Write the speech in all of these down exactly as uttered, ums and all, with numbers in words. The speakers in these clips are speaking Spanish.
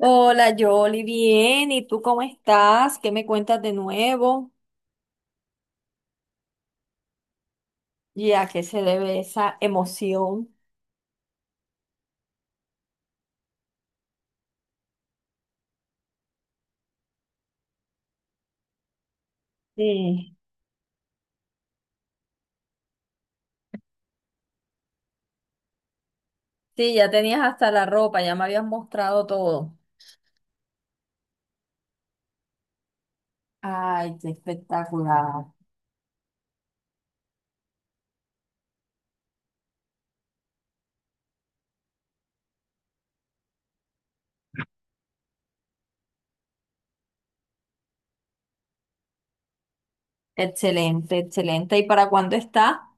Hola, Yoli, bien. ¿Y tú cómo estás? ¿Qué me cuentas de nuevo? ¿Y a qué se debe esa emoción? Sí. Sí, ya tenías hasta la ropa, ya me habías mostrado todo. Ay, qué espectacular. Excelente, excelente. ¿Y para cuándo está?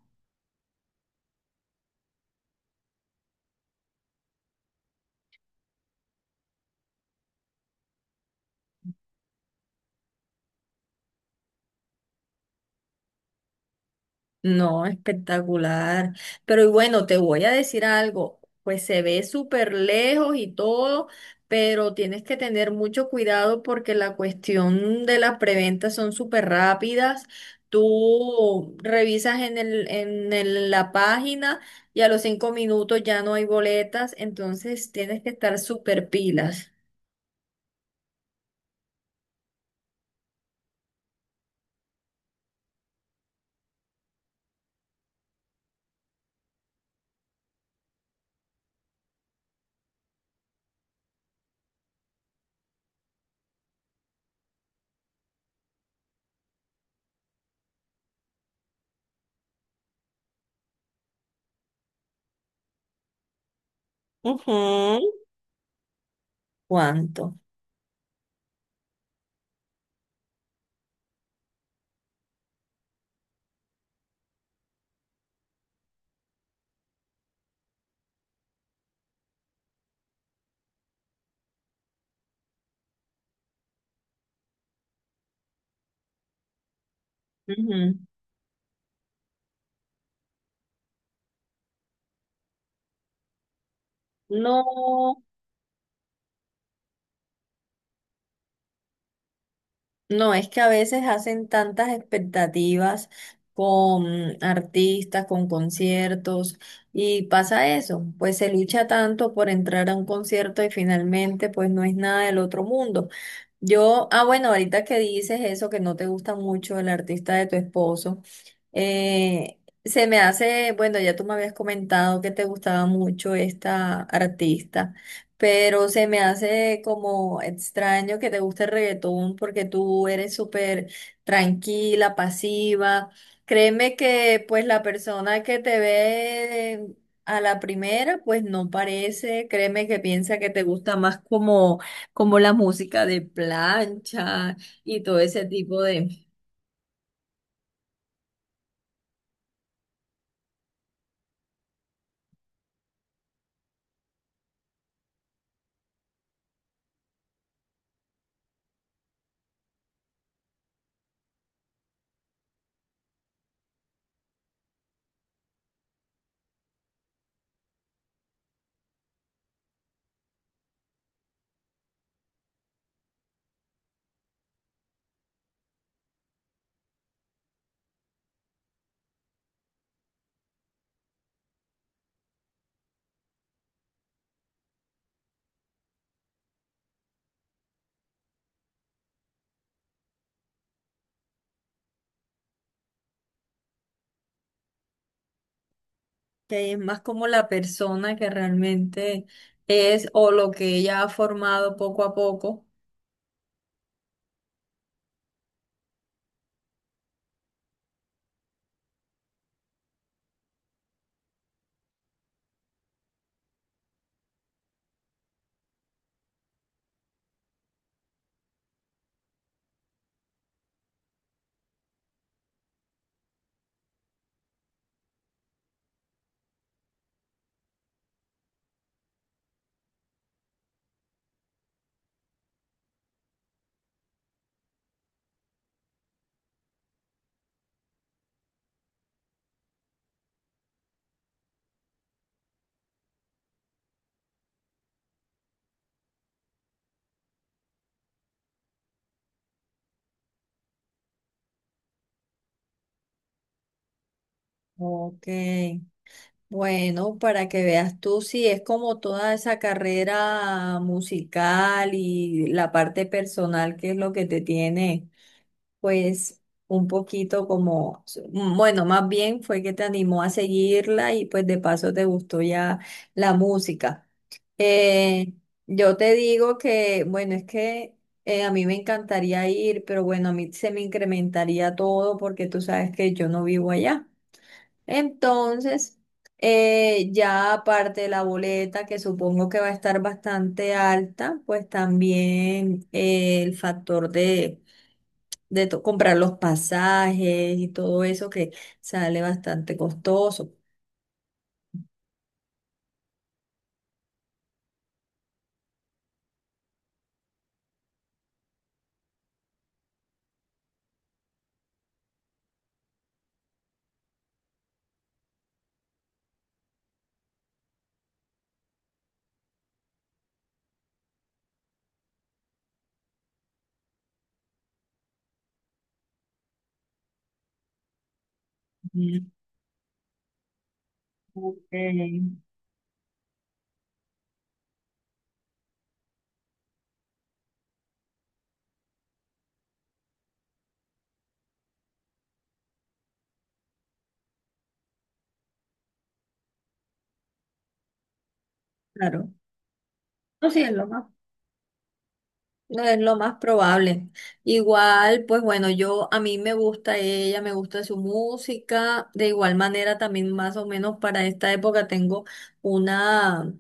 No, espectacular. Pero y bueno, te voy a decir algo, pues se ve súper lejos y todo, pero tienes que tener mucho cuidado porque la cuestión de las preventas son súper rápidas. Tú revisas en el, en el- la página y a los cinco minutos ya no hay boletas, entonces tienes que estar súper pilas. Ujú. ¿Cuánto? Ujú. No. No, es que a veces hacen tantas expectativas con artistas, con conciertos, y pasa eso, pues se lucha tanto por entrar a un concierto y finalmente pues no es nada del otro mundo. Yo, ah, bueno, ahorita que dices eso, que no te gusta mucho el artista de tu esposo, eh, se me hace, bueno, ya tú me habías comentado que te gustaba mucho esta artista pero se me hace como extraño que te guste el reggaetón porque tú eres súper tranquila, pasiva. Créeme que pues la persona que te ve a la primera pues no parece, créeme que piensa que te gusta más como, como la música de plancha y todo ese tipo de... que es más como la persona que realmente es o lo que ella ha formado poco a poco. Ok. Bueno, para que veas tú, sí, es como toda esa carrera musical y la parte personal que es lo que te tiene, pues un poquito como, bueno, más bien fue que te animó a seguirla y pues de paso te gustó ya la música. Eh, yo te digo que, bueno, es que eh, a mí me encantaría ir, pero bueno, a mí se me incrementaría todo porque tú sabes que yo no vivo allá. Entonces, eh, ya aparte de la boleta, que supongo que va a estar bastante alta, pues también eh, el factor de, de to- comprar los pasajes y todo eso que sale bastante costoso. Mm, ok. Claro. No, sí, es lo más, no es lo más probable. Igual, pues bueno, yo a mí me gusta ella, me gusta su música. De igual manera, también más o menos para esta época tengo una.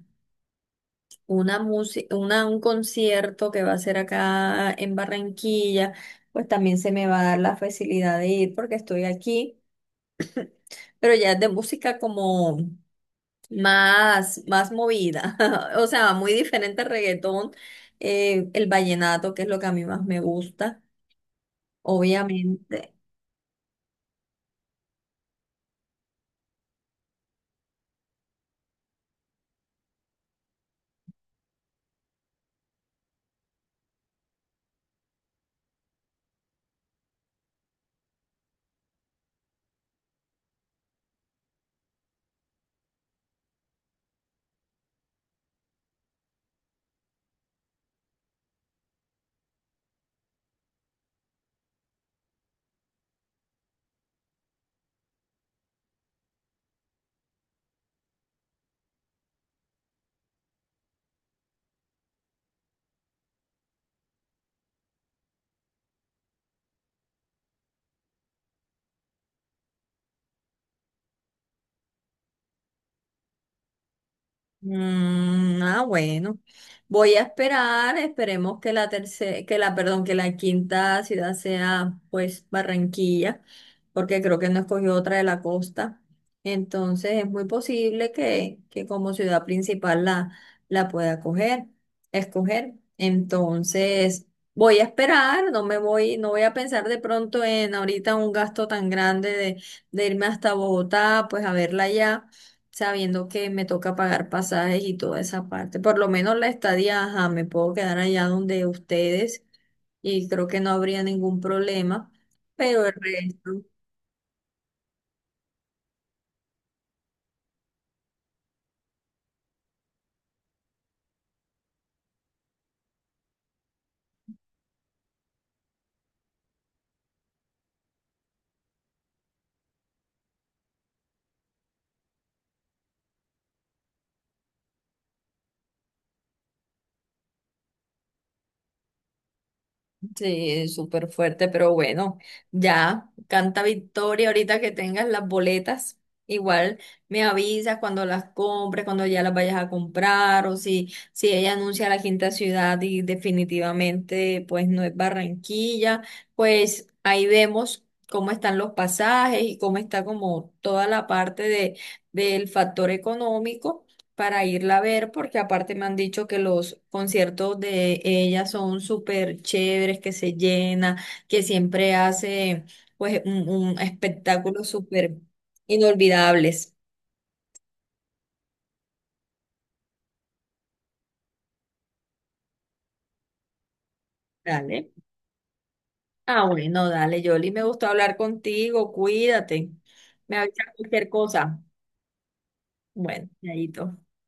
Una música, una, un concierto que va a ser acá en Barranquilla, pues también se me va a dar la facilidad de ir porque estoy aquí, pero ya es de música como más, más movida, o sea, muy diferente al reggaetón, eh, el vallenato, que es lo que a mí más me gusta, obviamente. Mm, ah, bueno. Voy a esperar, esperemos que la tercera, que la, perdón, que la quinta ciudad sea pues Barranquilla, porque creo que no escogió otra de la costa. Entonces es muy posible que, que como ciudad principal la, la pueda coger, escoger. Entonces voy a esperar, no me voy, no voy a pensar de pronto en ahorita un gasto tan grande de, de irme hasta Bogotá, pues a verla allá sabiendo que me toca pagar pasajes y toda esa parte. Por lo menos la estadía, ajá, me puedo quedar allá donde ustedes y creo que no habría ningún problema, pero el resto. Sí, súper fuerte, pero bueno, ya canta victoria ahorita que tengas las boletas. Igual me avisas cuando las compres, cuando ya las vayas a comprar o si, si ella anuncia la quinta ciudad y definitivamente pues no es Barranquilla, pues ahí vemos cómo están los pasajes y cómo está como toda la parte de, del factor económico para irla a ver, porque aparte me han dicho que los conciertos de ella son súper chéveres, que se llena, que siempre hace pues un, un espectáculo súper inolvidables. Dale. Ah, bueno, dale, Yoli, me gustó hablar contigo, cuídate. Me avisa cualquier cosa. Bueno, chaito.